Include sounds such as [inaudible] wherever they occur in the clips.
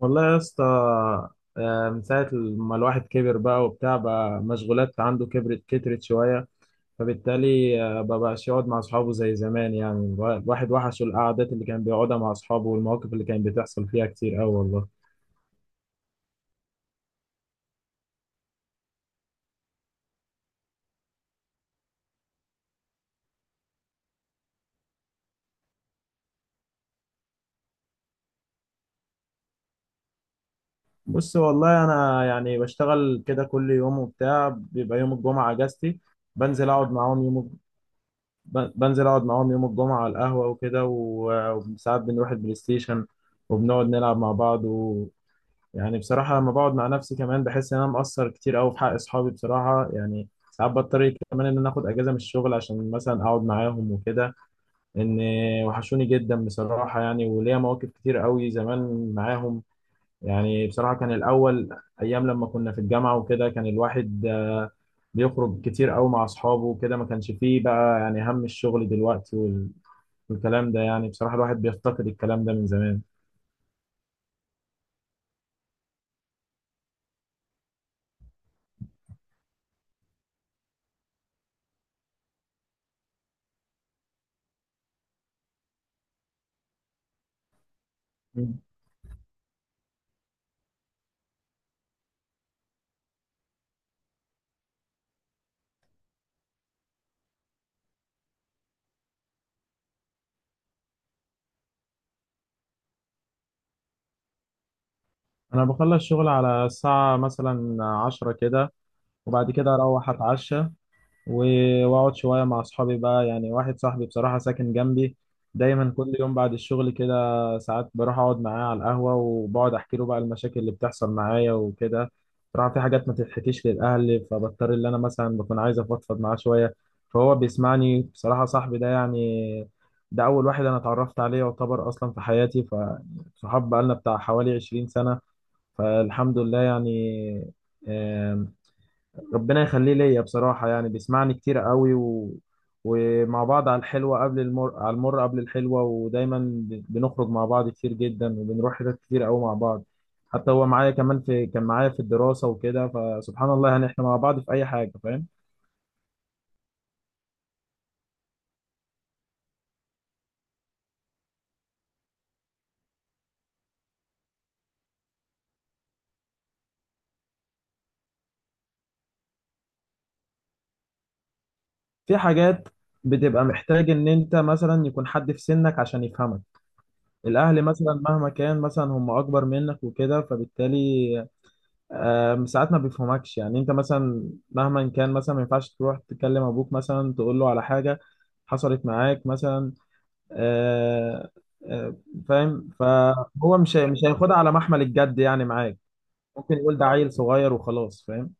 والله يا اسطى. من ساعة ما الواحد كبر بقى وبتاع بقى مشغولات عنده كبرت كترت شوية، فبالتالي مبقاش يقعد مع أصحابه زي زمان يعني. الواحد وحشه القعدات اللي كان بيقعدها مع أصحابه، والمواقف اللي كانت بتحصل فيها كتير أوي والله. بص والله أنا يعني بشتغل كده كل يوم وبتاع، بيبقى يوم الجمعة أجازتي. بنزل أقعد معاهم يوم بنزل أقعد معاهم يوم الجمعة على القهوة وكده، وساعات بنروح البلاي ستيشن وبنقعد نلعب مع بعض. يعني بصراحة لما بقعد مع نفسي كمان بحس إن أنا مقصر كتير أوي في حق أصحابي بصراحة، يعني ساعات بضطر كمان إن أنا آخد أجازة من الشغل عشان مثلا أقعد معاهم وكده. إن وحشوني جدا بصراحة يعني، وليا مواقف كتير أوي زمان معاهم. يعني بصراحة كان الأول أيام لما كنا في الجامعة وكده كان الواحد بيخرج كتير أوي مع أصحابه وكده، ما كانش فيه بقى يعني هم الشغل دلوقتي والكلام ده، يعني بصراحة الواحد بيفتقد الكلام ده من زمان. أنا بخلص شغل على الساعة مثلا 10 كده، وبعد كده اروح اتعشى واقعد شويه مع اصحابي بقى. يعني واحد صاحبي بصراحه ساكن جنبي، دايما كل يوم بعد الشغل كده ساعات بروح اقعد معاه على القهوه، وبقعد احكي له بقى المشاكل اللي بتحصل معايا وكده. بصراحه في حاجات ما تتحكيش للاهل، فبضطر ان انا مثلا بكون عايز افضفض معاه شويه. فهو بيسمعني بصراحه، صاحبي ده يعني، ده اول واحد انا اتعرفت عليه يعتبر اصلا في حياتي. فصحاب بقالنا بتاع حوالي 20 سنه، فالحمد لله يعني. ربنا يخليه ليا بصراحة، يعني بيسمعني كتير قوي ومع بعض على الحلوة قبل المر، على المر قبل الحلوة. ودايما بنخرج مع بعض كتير جدا، وبنروح حتت كتير قوي مع بعض. حتى هو معايا كمان، في كان معايا في الدراسة وكده، فسبحان الله يعني احنا مع بعض في أي حاجة، فاهم. في حاجات بتبقى محتاج إن أنت مثلا يكون حد في سنك عشان يفهمك. الأهل مثلا مهما كان مثلا هم أكبر منك وكده، فبالتالي ساعات ما بيفهمكش يعني. انت مثلا مهما كان مثلا ما ينفعش تروح تكلم ابوك مثلا تقول له على حاجه حصلت معاك مثلا. آه، آه، فاهم، فهو مش هياخدها على محمل الجد يعني معاك. ممكن يقول ده عيل صغير وخلاص، فاهم.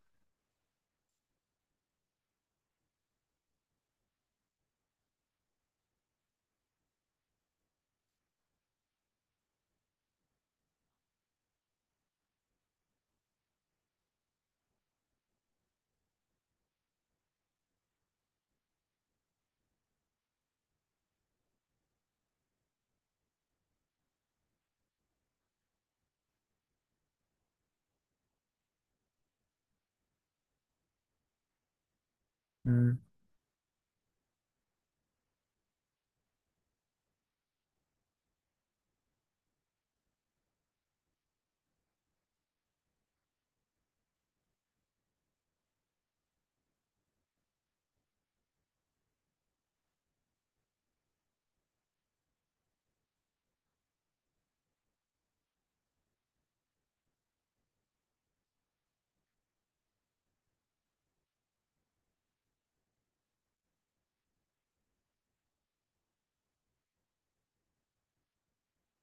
مم.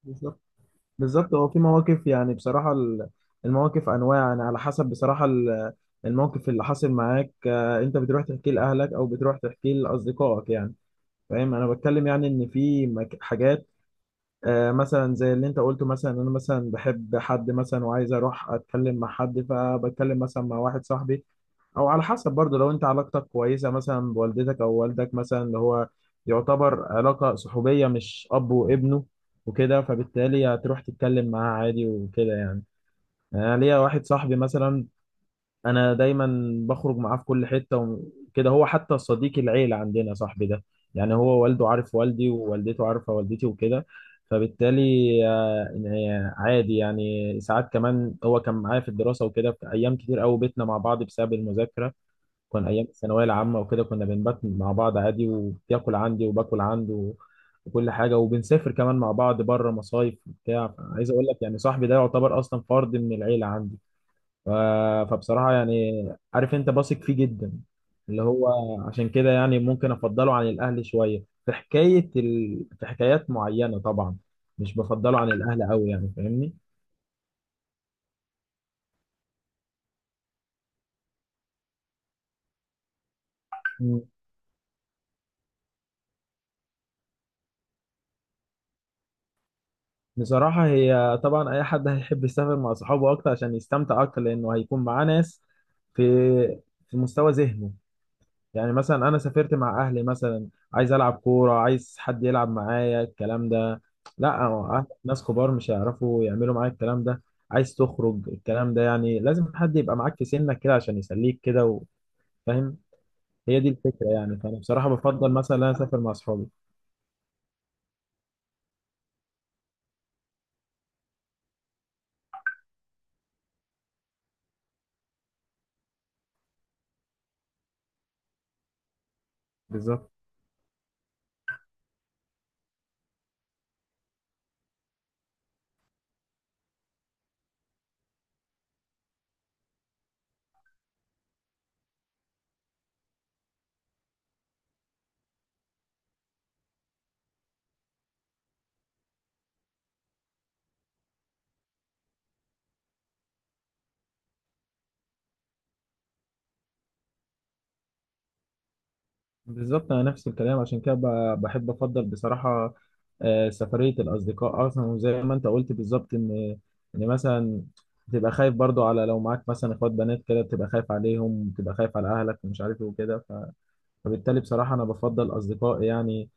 بالظبط. بالظبط، هو في مواقف يعني بصراحه المواقف انواع يعني على حسب بصراحه الموقف اللي حاصل معاك. انت بتروح تحكيه لاهلك او بتروح تحكيه لاصدقائك يعني، فاهم. انا بتكلم يعني ان في حاجات، مثلا زي اللي انت قلته، مثلا انا مثلا بحب حد مثلا وعايز اروح اتكلم مع حد فبتكلم مثلا مع واحد صاحبي. او على حسب برضه لو انت علاقتك كويسه مثلا بوالدتك او والدك مثلا، اللي هو يعتبر علاقه صحوبيه مش اب وابنه وكده، فبالتالي هتروح تتكلم معاه عادي وكده يعني. يعني انا ليا واحد صاحبي مثلا انا دايما بخرج معاه في كل حته وكده، هو حتى صديق العيله عندنا صاحبي ده. يعني هو والده عارف والدي، ووالدته عارفه والدتي وكده، فبالتالي آه، عادي. يعني ساعات كمان هو كان معايا في الدراسه وكده، في ايام كتير قوي بيتنا مع بعض بسبب المذاكره. كان ايام الثانويه العامه وكده كنا بنبات مع بعض عادي، وبياكل عندي وباكل عنده وكل حاجه، وبنسافر كمان مع بعض بره مصايف وبتاع. عايز اقول لك يعني صاحبي ده يعتبر اصلا فرد من العيله عندي. ف- فبصراحة يعني، عارف انت بثق فيه جدا اللي هو، عشان كده يعني ممكن افضله عن الاهلي شوية في حكاية في حكايات معينة طبعا. مش بفضله عن الاهلي قوي يعني، فاهمني. مم. بصراحة هي طبعا اي حد هيحب يسافر مع صحابه اكتر عشان يستمتع اكتر، لانه هيكون معاه ناس في في مستوى ذهنه. يعني مثلا انا سافرت مع اهلي مثلا، عايز العب كوره، عايز حد يلعب معايا الكلام ده، لا هو ناس كبار مش هيعرفوا يعملوا معايا الكلام ده. عايز تخرج الكلام ده يعني لازم حد يبقى معاك في سنك كده عشان يسليك كده، وفاهم. هي دي الفكره يعني، فانا بصراحه بفضل مثلا إن انا اسافر مع اصحابي. بالظبط. بالظبط انا نفس الكلام، عشان كده بحب افضل بصراحه سفريه الاصدقاء اصلا. وزي ما انت قلت بالظبط، ان مثلا تبقى خايف برضو، على لو معاك مثلا اخوات بنات كده بتبقى خايف عليهم، بتبقى خايف على اهلك ومش عارف ايه وكده، فبالتالي بصراحه انا بفضل اصدقائي يعني.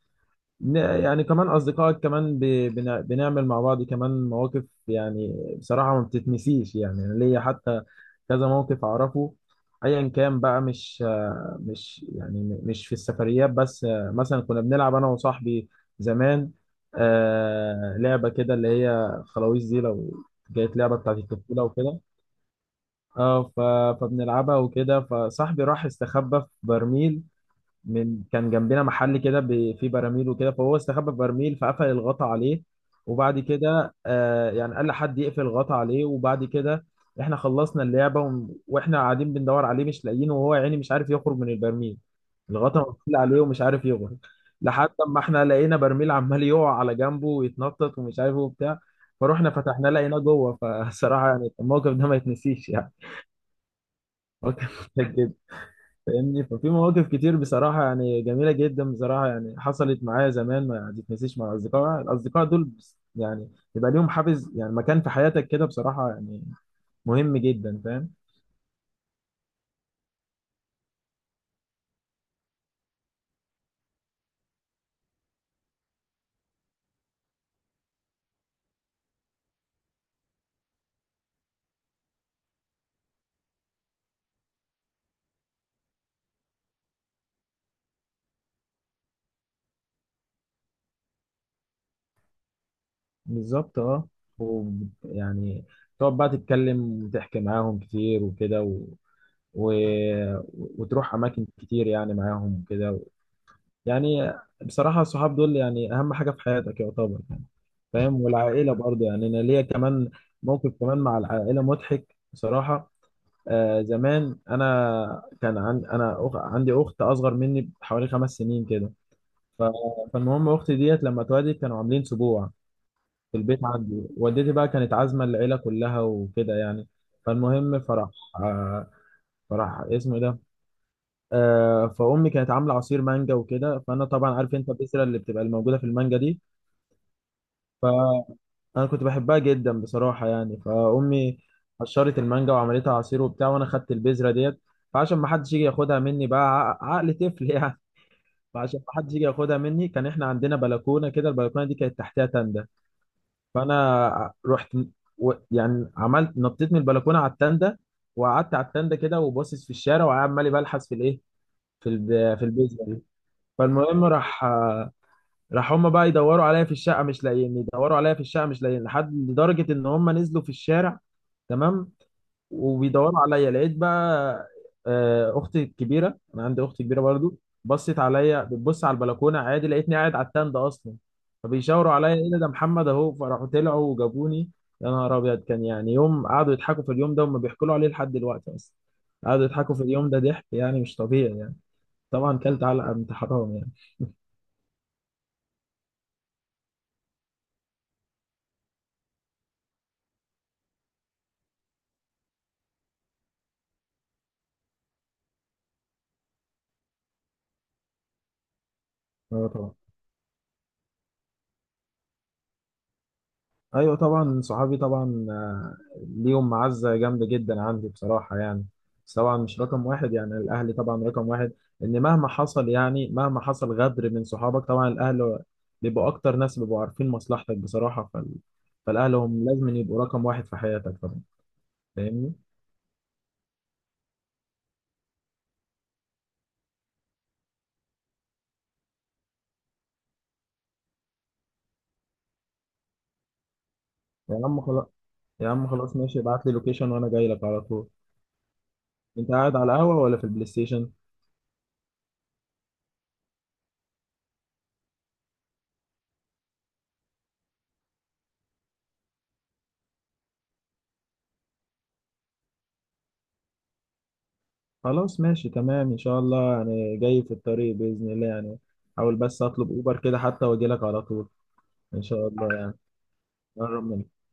يعني كمان أصدقائك كمان بنعمل مع بعض كمان مواقف يعني بصراحة ما بتتنسيش، يعني أنا ليا حتى كذا موقف أعرفه. أيا كان بقى، مش مش يعني مش في السفريات بس. مثلا كنا بنلعب أنا وصاحبي زمان لعبة كده اللي هي خلاويص دي، لو جت لعبة بتاعت الطفولة وكده. اه فبنلعبها وكده، فصاحبي راح استخبى في برميل من كان جنبنا محل كده فيه براميل وكده، فهو استخبى في برميل فقفل الغطا عليه. وبعد كده آه يعني قال لحد يقفل الغطا عليه، وبعد كده احنا خلصنا اللعبه واحنا قاعدين بندور عليه مش لاقيينه، وهو يعني مش عارف يخرج من البرميل، الغطا مقفول عليه ومش عارف يخرج. لحد ما احنا لقينا برميل عمال يقع على جنبه ويتنطط ومش عارف ايه وبتاع، فروحنا فتحناه لقيناه جوه [laughs] فصراحه يعني الموقف ده ما يتنسيش يعني. [laughs] موقف مضحك جدا. فاهمني، ففي مواقف كتير بصراحة يعني جميلة جدا بصراحة يعني حصلت معايا زمان ما تتنسيش مع الأصدقاء، الأصدقاء دول يعني يبقى ليهم حافز يعني، مكان في حياتك كده بصراحة يعني، مهم جدا، فاهم. بالظبط اه. و- يعني تقعد بقى تتكلم وتحكي معاهم كتير وكده، و... وتروح أماكن كتير يعني معاهم وكده يعني بصراحة الصحاب دول يعني أهم حاجة في حياتك يعتبر، فاهم. والعائله برضه، يعني انا ليا كمان موقف كمان مع العائله مضحك بصراحه. آه زمان، انا كان عن انا عندي اخت اصغر مني بحوالي 5 سنين كده. ف... فالمهم اختي ديت لما اتولدت كانوا عاملين سبوع في البيت عندي، والدتي بقى كانت عازمه العيله كلها وكده يعني. فالمهم فرح. آه فرح اسمه إيه ده. فامي كانت عامله عصير مانجا وكده، فانا طبعا عارف انت البذره اللي بتبقى الموجوده في المانجا دي. ف انا كنت بحبها جدا بصراحه يعني، فامي قشرت المانجا وعملتها عصير وبتاع، وانا خدت البذره ديت. فعشان ما حدش يجي ياخدها مني بقى، عقل طفل يعني، فعشان ما حدش يجي ياخدها مني كان احنا عندنا بلكونه كده، البلكونه دي كانت تحتها تندة. فانا رحت يعني عملت نطيت من البلكونه على التندة، وقعدت على التندة كده وباصص في الشارع، وعمال بلحس في الايه، في في البذره دي. فالمهم راح هما بقى يدوروا عليا في الشقه مش لاقيني، يدوروا عليا في الشقه مش لاقيني، لحد لدرجه ان هما نزلوا في الشارع. تمام. وبيدوروا عليا، لقيت بقى اختي الكبيره، انا عندي اخت كبيره برضو، بصت عليا بتبص على البلكونه عادي لقيتني قاعد على التند اصلا. فبيشاوروا عليا ايه ده محمد اهو، فراحوا طلعوا وجابوني. يا نهار ابيض، كان يعني يوم قعدوا يضحكوا في اليوم ده، وما بيحكوا له عليه لحد دلوقتي اصلا، قعدوا يضحكوا في اليوم ده ضحك يعني مش طبيعي يعني. طبعا كلت علقه من حرام يعني. اه طبعا. ايوه طبعا صحابي طبعا، ليهم معزه جامده جدا عندي بصراحه يعني. بس طبعا مش رقم واحد، يعني الاهلي طبعا رقم واحد، ان مهما حصل، يعني مهما حصل غدر من صحابك، طبعا الاهل بيبقوا اكتر ناس بيبقوا عارفين مصلحتك بصراحه. فالاهل هم لازم يبقوا رقم واحد في حياتك طبعا، فاهمني. يا عم خلاص. يا عم خلاص ماشي، ابعت لي لوكيشن وانا جاي لك على طول. انت قاعد على القهوه ولا في البلاي ستيشن؟ خلاص ماشي تمام، ان شاء الله يعني، جاي في الطريق باذن الله يعني، حاول بس اطلب اوبر كده حتى واجي لك على طول، ان شاء الله يعني، قرب منك.